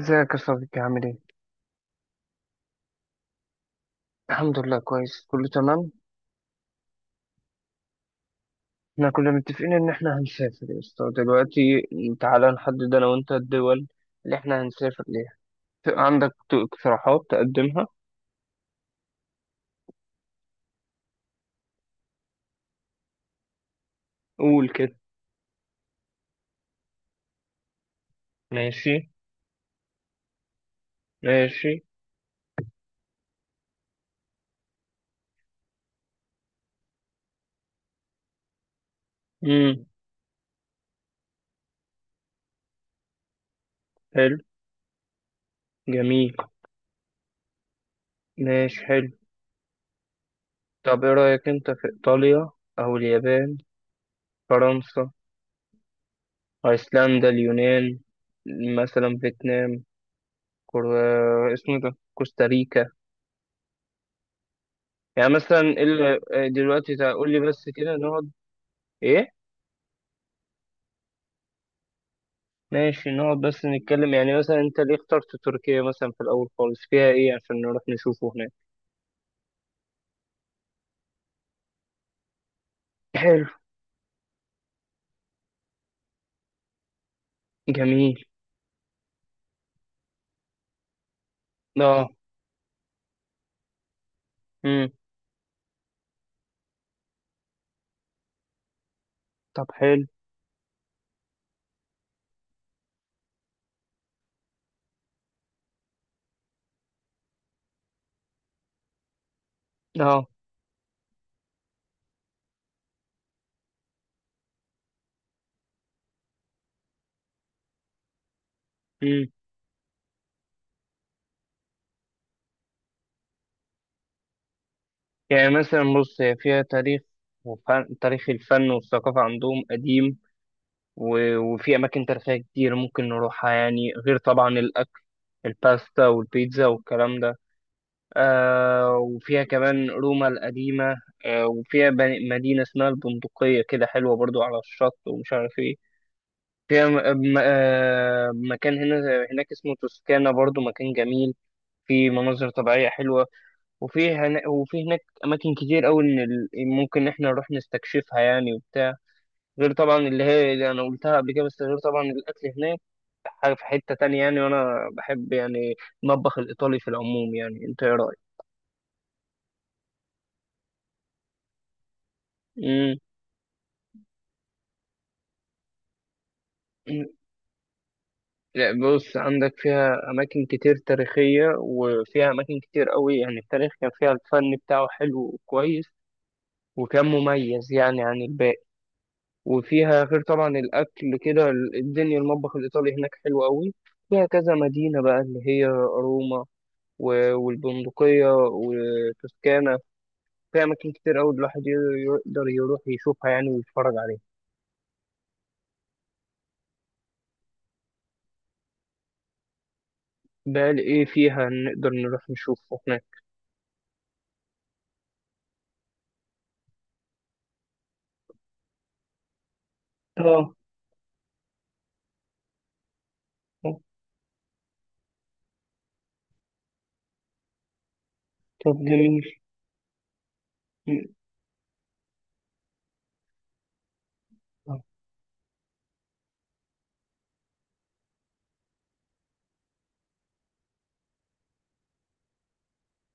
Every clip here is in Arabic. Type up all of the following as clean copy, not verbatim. ازيك يا صديقي عامل ايه؟ الحمد لله كويس كله تمام. احنا كنا متفقين ان احنا هنسافر يا اسطى دلوقتي. تعالى نحدد انا وانت الدول اللي احنا هنسافر ليها. عندك اقتراحات تقدمها؟ قول كده. ماشي. ماشي. امم. حلو. جميل. ماشي. حلو. طب ايه رأيك انت في ايطاليا او اليابان، فرنسا، ايسلندا، اليونان، مثلا فيتنام، كور... اسمه ده كوستاريكا، يعني مثلا دلوقتي تقول لي بس كده نقعد. ايه. ماشي، نقعد بس نتكلم يعني مثلا انت ليه اخترت تركيا مثلا في الاول خالص، فيها ايه يعني عشان نروح نشوفه هناك؟ حلو. جميل. اه. امم. طب حلو. اه. امم. يعني مثلا بص، هي فيها تاريخ وفن، تاريخ الفن والثقافة عندهم قديم. وفي أماكن تاريخية كتير ممكن نروحها يعني، غير طبعا الأكل، الباستا والبيتزا والكلام ده. وفيها كمان روما القديمة. وفيها مدينة اسمها البندقية، كده حلوة برضو على الشط، ومش عارف ايه. فيها مكان هنا هناك اسمه توسكانا، برضو مكان جميل. في مناظر طبيعية حلوة. وفي هنا وفي هناك أماكن كتير أوي إن ممكن إحنا نروح نستكشفها يعني وبتاع. غير طبعا اللي هي اللي أنا قلتها قبل كده، بس غير طبعا الأكل هناك حاجة في حتة تانية يعني. وأنا بحب يعني المطبخ الإيطالي في العموم. يعني أنت إيه رأيك؟ مم. لا، بص عندك فيها أماكن كتير تاريخية، وفيها أماكن كتير قوي. يعني التاريخ كان فيها، الفن بتاعه حلو وكويس، وكان مميز يعني عن الباقي. وفيها غير طبعا الأكل كده، الدنيا المطبخ الإيطالي هناك حلو قوي. فيها كذا مدينة بقى، اللي هي روما والبندقية وتوسكانا. فيها أماكن كتير قوي الواحد يقدر يروح يشوفها يعني ويتفرج عليها. بقى إيه فيها نقدر نروح نشوفه هناك؟ اه. طب جميل.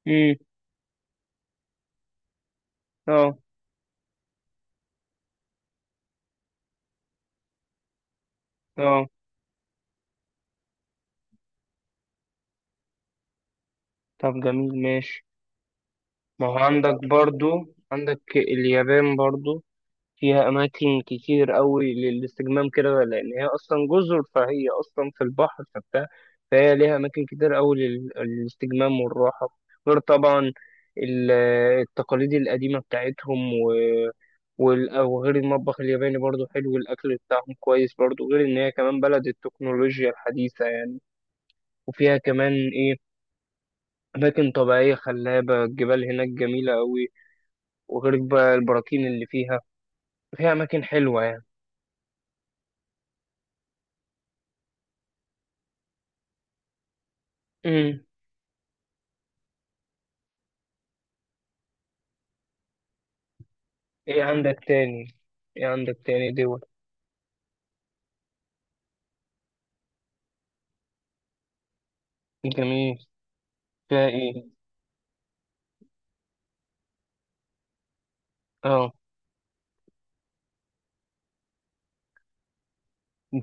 مم. اه. اه. طب جميل ماشي. ما هو عندك برضو، عندك اليابان برضو فيها أماكن كتير قوي للاستجمام كده، لأن هي أصلا جزر، فهي أصلا في البحر فبتاع. فهي ليها أماكن كتير قوي للاستجمام والراحة، غير طبعا ال- التقاليد القديمة بتاعتهم وغير المطبخ الياباني برضو حلو، والأكل بتاعهم كويس برضو، غير إن هي كمان بلد التكنولوجيا الحديثة يعني. وفيها كمان إيه، أماكن طبيعية خلابة، الجبال هناك جميلة أوي، وغير بقى البراكين اللي فيها. فيها أماكن حلوة يعني. امم. إيه عندك تاني إيه عندك تاني دول؟ جميل. فيها إيه؟ آه.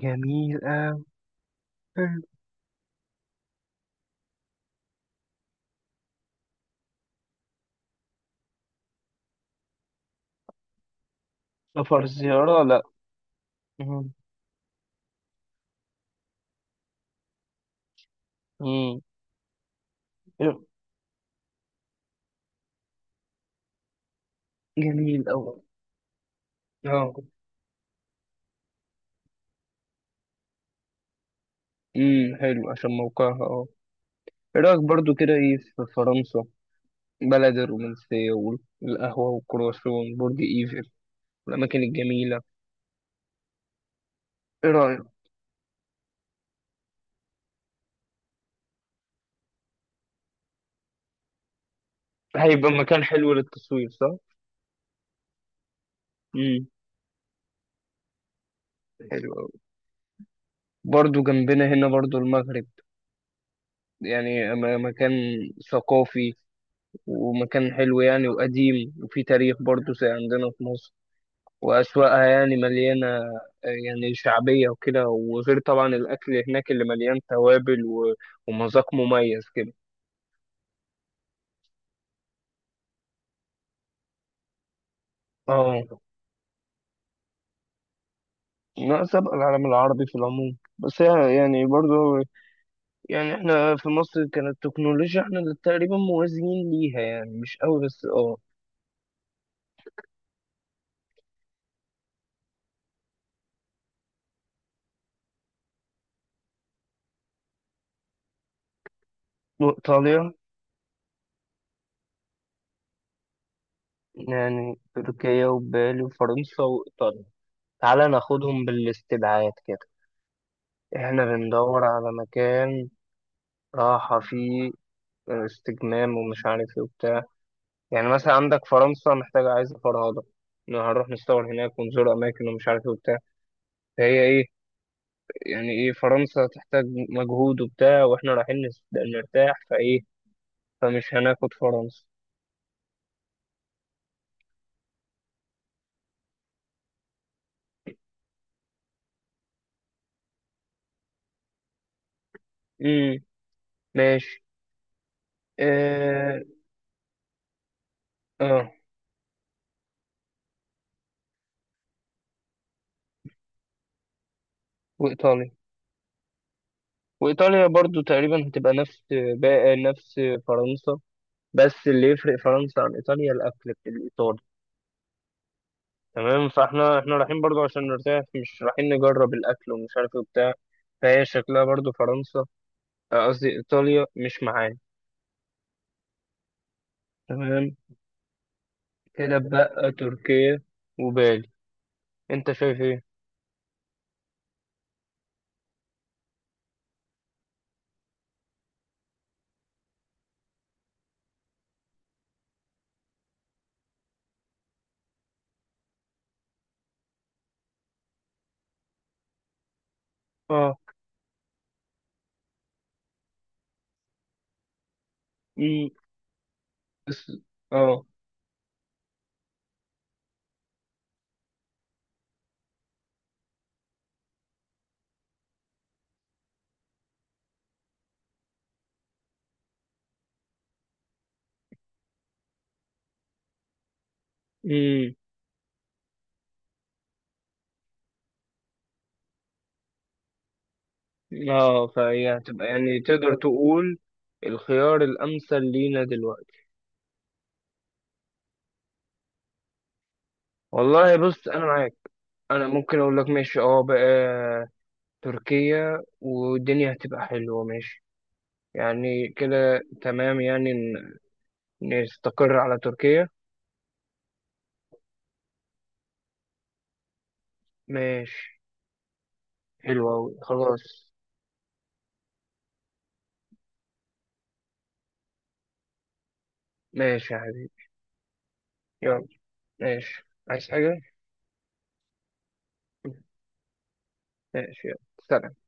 جميل أوي. سفر زيارة لأ. مم. مم. جميل أوي. آه. امم. حلو عشان موقعها إيه رأيك برضو كده إيه في فرنسا؟ بلد الرومانسية والقهوة والكرواسون، برج إيفل والأماكن الجميلة. إيه رأيك؟ هيبقى مكان حلو للتصوير، صح؟ امم. حلو أوي. برضو جنبنا هنا برضو المغرب، يعني مكان ثقافي، ومكان حلو يعني، وقديم وفي تاريخ برضو زي عندنا في مصر، وأسواقها يعني مليانة يعني شعبية وكده. وغير طبعا الأكل هناك اللي مليان توابل ومذاق مميز كده. اه. ناقص أبقى العالم العربي في العموم، بس هي يعني برضو، يعني احنا في مصر كانت التكنولوجيا احنا اللي تقريبا موازيين ليها، يعني مش قوي بس اه. وايطاليا. يعني تركيا وبالي وفرنسا وايطاليا. تعالى ناخدهم بالاستبعاد كده. احنا بندور على مكان راحة فيه، استجمام ومش عارف ايه وبتاع. يعني مثلا عندك فرنسا محتاجة عايزة فرهضة، إن هنروح نصور هناك ونزور أماكن ومش عارف ايه وبتاع. فهي ايه، يعني ايه، فرنسا تحتاج مجهود وبتاع، واحنا رايحين نرتاح فايه. فمش هناخد فرنسا. امم. ماشي. اه. اه. وايطاليا. وايطاليا برضو تقريبا هتبقى نفس، بقى نفس فرنسا. بس اللي يفرق فرنسا عن ايطاليا الاكل الايطالي. تمام، فاحنا رايحين برضو عشان نرتاح، مش رايحين نجرب الاكل ومش عارف ايه وبتاع. فهي شكلها برضو فرنسا، قصدي ايطاليا مش معانا. تمام. كده بقى تركيا وبالي، انت شايف ايه؟ اه. امم. بس- اه. اه. فهي هتبقى يعني تقدر تقول الخيار الأمثل لينا دلوقتي. والله بص أنا معاك. أنا ممكن أقول لك ماشي، اه بقى تركيا والدنيا هتبقى حلوة ماشي. يعني كده تمام يعني نستقر على تركيا. ماشي. حلوة أوي خلاص. ماشي يا حبيبي. يلا. ماشي، عايز حاجة؟ ماشي يلا. سلام.